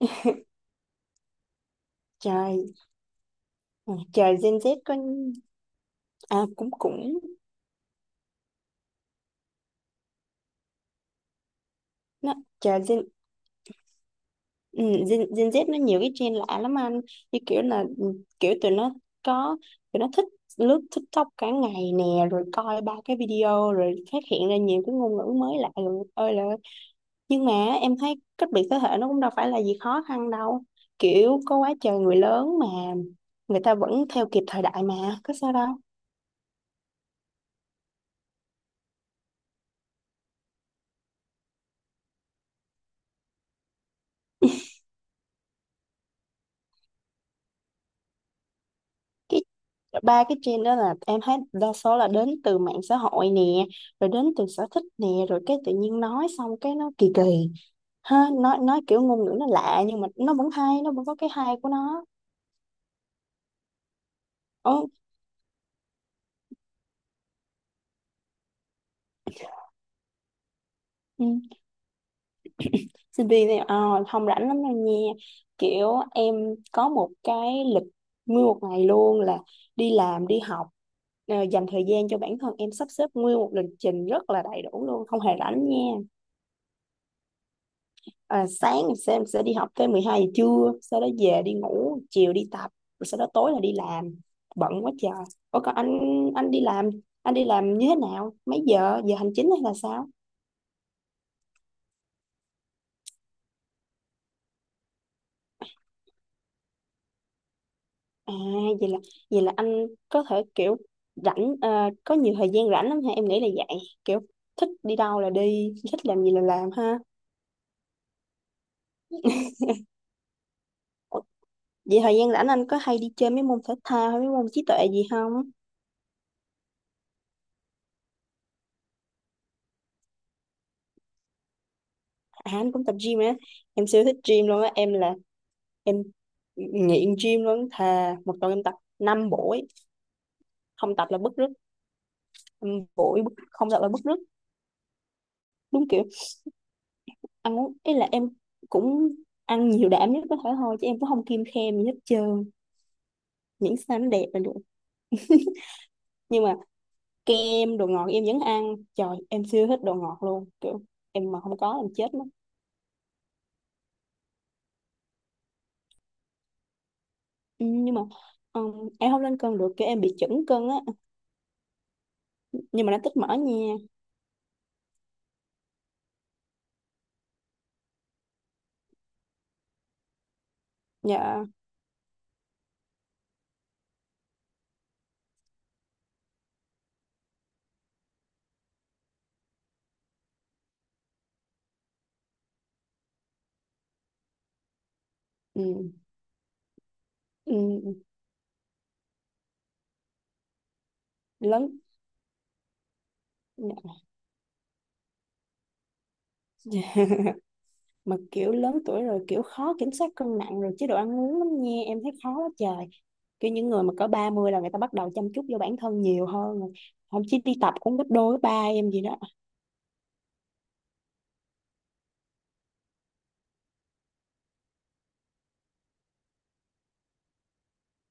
Trời, ừ, trời, Gen Z có. À cũng cũng nó trời Gen. ừ, Gen Z nó nhiều cái trend lạ lắm anh, như kiểu là, kiểu có tụi nó thích lướt TikTok cả ngày nè, rồi coi ba cái video rồi phát hiện ra nhiều cái ngôn ngữ mới lạ rồi ơi là ơi. Nhưng mà em thấy cách biệt thế hệ nó cũng đâu phải là gì khó khăn đâu, kiểu có quá trời người lớn mà người ta vẫn theo kịp thời đại, mà có sao đâu. cái Ba cái trend đó là em thấy đa số là đến từ mạng xã hội nè, rồi đến từ sở thích nè, rồi cái tự nhiên nói xong cái nó kỳ kỳ ha, nói kiểu ngôn ngữ nó lạ, nhưng mà nó vẫn hay, nó vẫn có cái hay của nó. Ồ, ừ. Sinh viên thì, không rảnh lắm đâu nha, kiểu em có một cái lịch nguyên một ngày luôn là đi làm đi học, dành thời gian cho bản thân. Em sắp xếp nguyên một lịch trình rất là đầy đủ luôn, không hề rảnh nha. Sáng em sẽ đi học tới 12 giờ trưa, sau đó về đi ngủ, chiều đi tập, rồi sau đó tối là đi làm, bận quá trời. Ủa còn anh. anh đi làm anh đi làm như thế nào? Mấy giờ? Giờ hành chính hay là sao? À, vậy là vậy là anh có thể kiểu rảnh, có nhiều thời gian rảnh lắm ha, em nghĩ là vậy, kiểu thích đi đâu là đi, thích làm gì là làm ha. Ủa, vậy thời gian rảnh anh có hay đi chơi mấy môn thể thao hay mấy môn trí tuệ gì không? À anh cũng tập gym á, em siêu thích gym luôn á, em là em nghiện gym luôn, thà một tuần em tập 5 buổi, không tập là bứt rứt. Không tập là bứt rứt. Đúng kiểu, ăn uống ấy là em cũng ăn nhiều đạm nhất có thể thôi, chứ em cũng không kiêng khem gì hết trơn, miễn sao nó đẹp là được. Nhưng mà kem, đồ ngọt em vẫn ăn, trời em siêu thích đồ ngọt luôn, kiểu em mà không có em chết mất. Ừ, nhưng mà em không lên cân được, kiểu em bị chững cân á, nhưng mà nó tích mỡ nha. Dạ. Ừ. Ừ. Lớn. Dạ. Mà kiểu lớn tuổi rồi, kiểu khó kiểm soát cân nặng rồi chế độ ăn uống lắm nha, em thấy khó quá trời, kiểu những người mà có 30 là người ta bắt đầu chăm chút vô bản thân nhiều hơn rồi, không chỉ đi tập cũng gấp đôi ba em gì đó.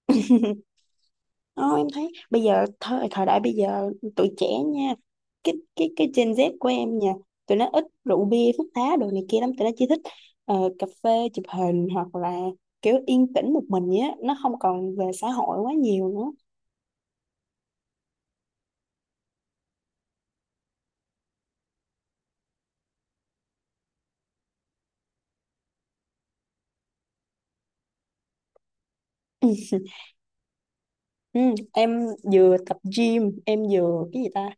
Ờ, em thấy bây giờ thời thời đại bây giờ tụi trẻ nha, cái Gen Z của em nha, tụi nó ít rượu bia thuốc lá đồ này kia lắm, tụi nó chỉ thích cà phê, chụp hình, hoặc là kiểu yên tĩnh một mình vậy á, nó không còn về xã hội quá nhiều nữa. Ừ, em vừa tập gym, em vừa cái gì ta?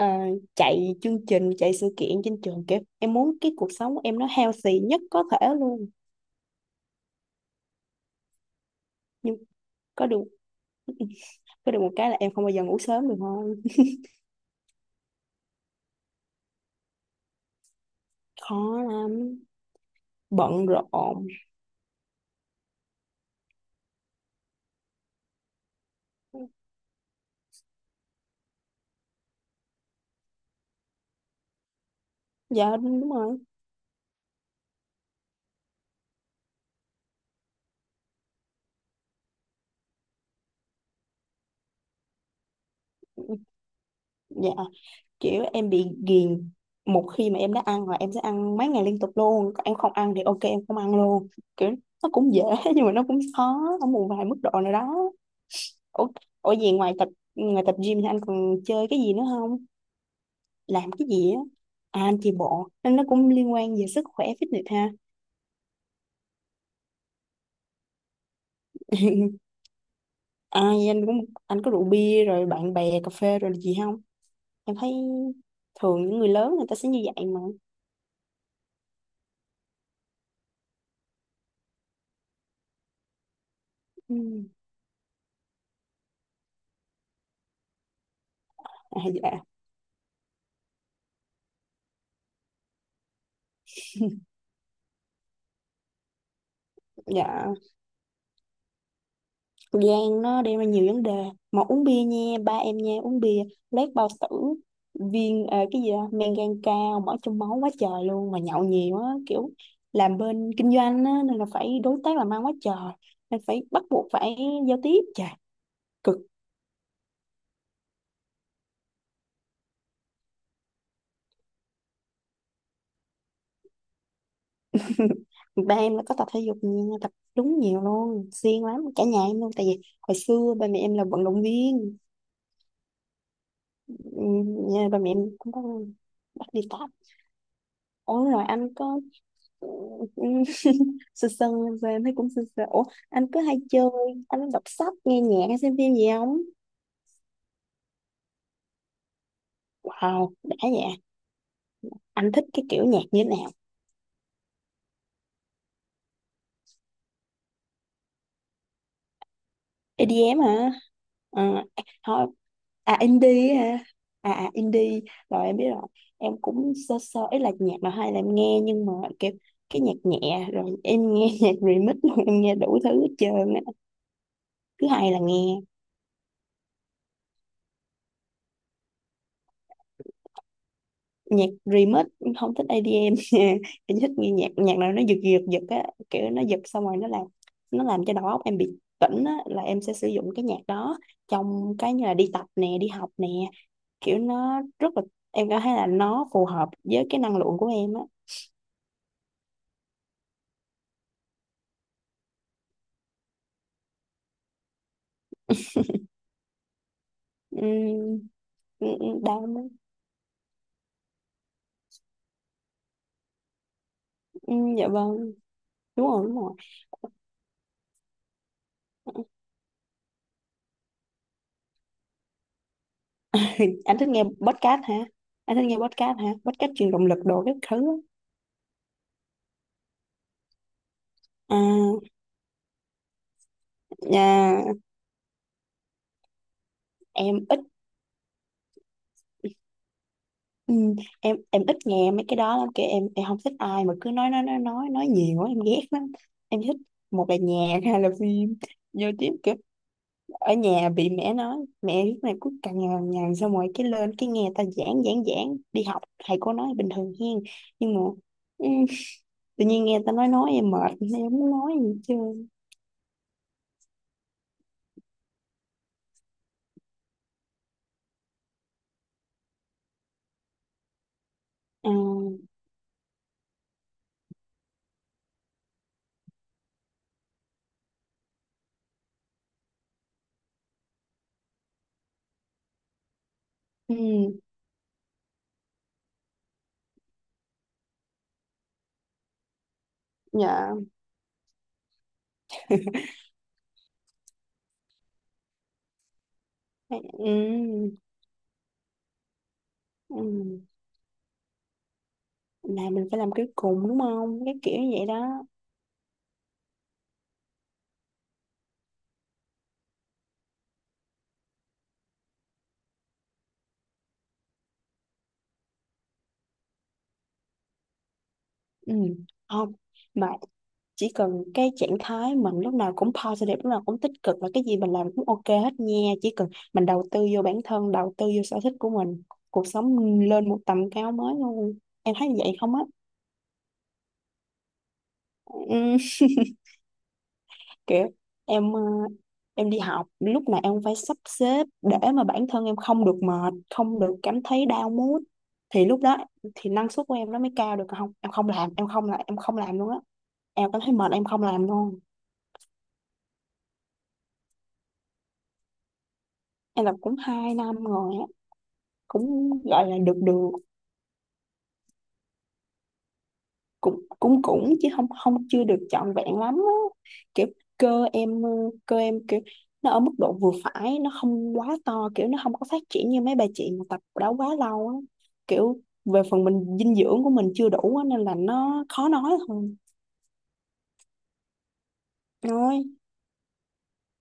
Ờ, chạy chương trình, chạy sự kiện trên trường kìa. Em muốn cái cuộc sống của em nó healthy nhất có thể luôn. Nhưng có được có được một cái là em không bao giờ ngủ sớm được thôi. Khó lắm, bận rộn. Dạ đúng rồi. Dạ, kiểu em bị ghiền. Một khi mà em đã ăn là em sẽ ăn mấy ngày liên tục luôn. Còn em không ăn thì ok, em không ăn luôn. Kiểu nó cũng dễ nhưng mà nó cũng khó ở một vài mức độ nào đó. Ủa, ủa gì ngoài tập gym thì anh còn chơi cái gì nữa không? Làm cái gì á? À, anh chạy bộ nên nó cũng liên quan về sức khỏe fitness ha. Ai anh cũng anh có rượu bia rồi bạn bè cà phê rồi là gì không? Em thấy thường những người lớn người ta sẽ như vậy mà. Ừ. À, dạ. Dạ. Gan nó đem ra nhiều vấn đề, mà uống bia nha, ba em nha, uống bia lét bao tử, viên cái gì đó, men gan cao, mỡ trong máu quá trời luôn, mà nhậu nhiều á, kiểu làm bên kinh doanh á nên là phải đối tác làm ăn quá trời, nên phải bắt buộc phải giao tiếp, trời cực. Ba em là có tập thể dục nha, tập đúng nhiều luôn, siêng lắm, cả nhà em luôn, tại vì hồi xưa ba mẹ em là vận động viên. Ừ, nhà ba mẹ em cũng có bắt đi tập. Ủa rồi anh có. Ừ. Sơ sơ. Và em thấy cũng sơ sơ. Ủa anh cứ hay chơi, anh đọc sách, nghe nhạc hay xem phim gì không? Wow đã vậy. Anh thích cái kiểu nhạc như thế nào? EDM hả? Ờ, thôi. À indie hả? À indie, rồi em biết rồi. Em cũng sơ sơ ấy, là nhạc mà hay là em nghe, nhưng mà kiểu cái nhạc nhẹ rồi em nghe nhạc remix rồi em nghe đủ thứ hết trơn á, cứ hay là nghe nhạc remix, không thích EDM nha. Em em thích nghe nhạc, nhạc nào nó giật giật giật á, kiểu nó giật xong rồi nó làm cho đầu óc em bị tỉnh á, là em sẽ sử dụng cái nhạc đó trong cái như là đi tập nè, đi học nè, kiểu nó rất là, em cảm thấy là nó phù hợp với cái năng lượng của em á. uhm, Đau. Dạ vâng, đúng rồi, đúng rồi. anh thích nghe podcast hả anh thích nghe podcast hả? Podcast truyền động lực đồ các thứ á. À. À, em ít. Ừ, em ít nghe mấy cái đó lắm, kiểu em không thích ai mà cứ nói nhiều quá, em ghét lắm. Em thích một là nhạc hai là phim, vô tiếp, kiểu ở nhà bị mẹ nói, mẹ lúc này cứ cằn nhằn nhằn, xong rồi cái lên cái nghe ta giảng giảng giảng, đi học thầy cô nói bình thường hen, nhưng mà ừ, tự nhiên nghe ta nói em mệt, em không muốn nói gì chứ. À. Ừ. Dạ. Ừ. Ừ, là mình phải làm cái cùng đúng không, cái kiểu như vậy đó. Ừ không mà, chỉ cần cái trạng thái mình lúc nào cũng positive, lúc nào cũng tích cực, và cái gì mình làm cũng ok hết nha, chỉ cần mình đầu tư vô bản thân, đầu tư vô sở thích của mình, cuộc sống lên một tầm cao mới luôn, em thấy vậy không á? Ừm, kiểu em ờ, em đi học lúc nào em cũng phải sắp xếp để mà bản thân em không được mệt, không được cảm thấy down mood, thì lúc đó thì năng suất của em nó mới cao được, còn không em không làm luôn á, em cảm thấy mệt em không làm luôn. Em làm cũng 2 năm rồi á, cũng gọi là được được. Cũng cũng Cũng chứ không không, chưa được trọn vẹn lắm á. Kiểu cơ em ờ, cơ em kiểu nó ở mức độ vừa phải, nó không quá to, kiểu nó không có phát triển như mấy bà chị mà tập đó quá lâu á, kiểu về phần mình dinh dưỡng của mình chưa đủ á, nên là nó khó nói thôi. Nói.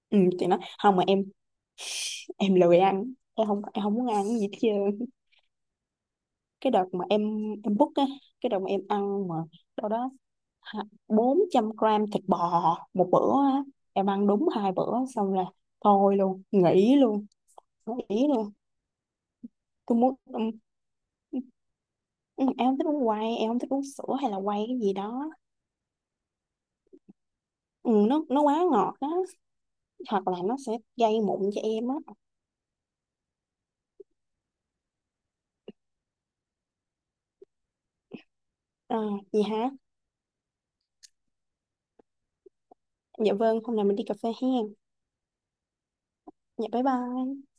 Ừ thì nói không mà em lười ăn, em không, em không muốn ăn cái gì hết trơn. Cái đợt mà em book á, cái đợt mà em ăn mà đâu đó 400 gram thịt bò một bữa á, em ăn đúng hai bữa xong là thôi luôn, nghỉ luôn. Nghỉ luôn. Tôi muốn. Em không thích uống quay, em không thích uống sữa hay là quay cái gì đó. Ừ, nó quá ngọt á, hoặc là nó sẽ gây mụn cho em á. À, gì hả? Dạ vâng, hôm nào mình đi cà phê hen. Dạ bye bye.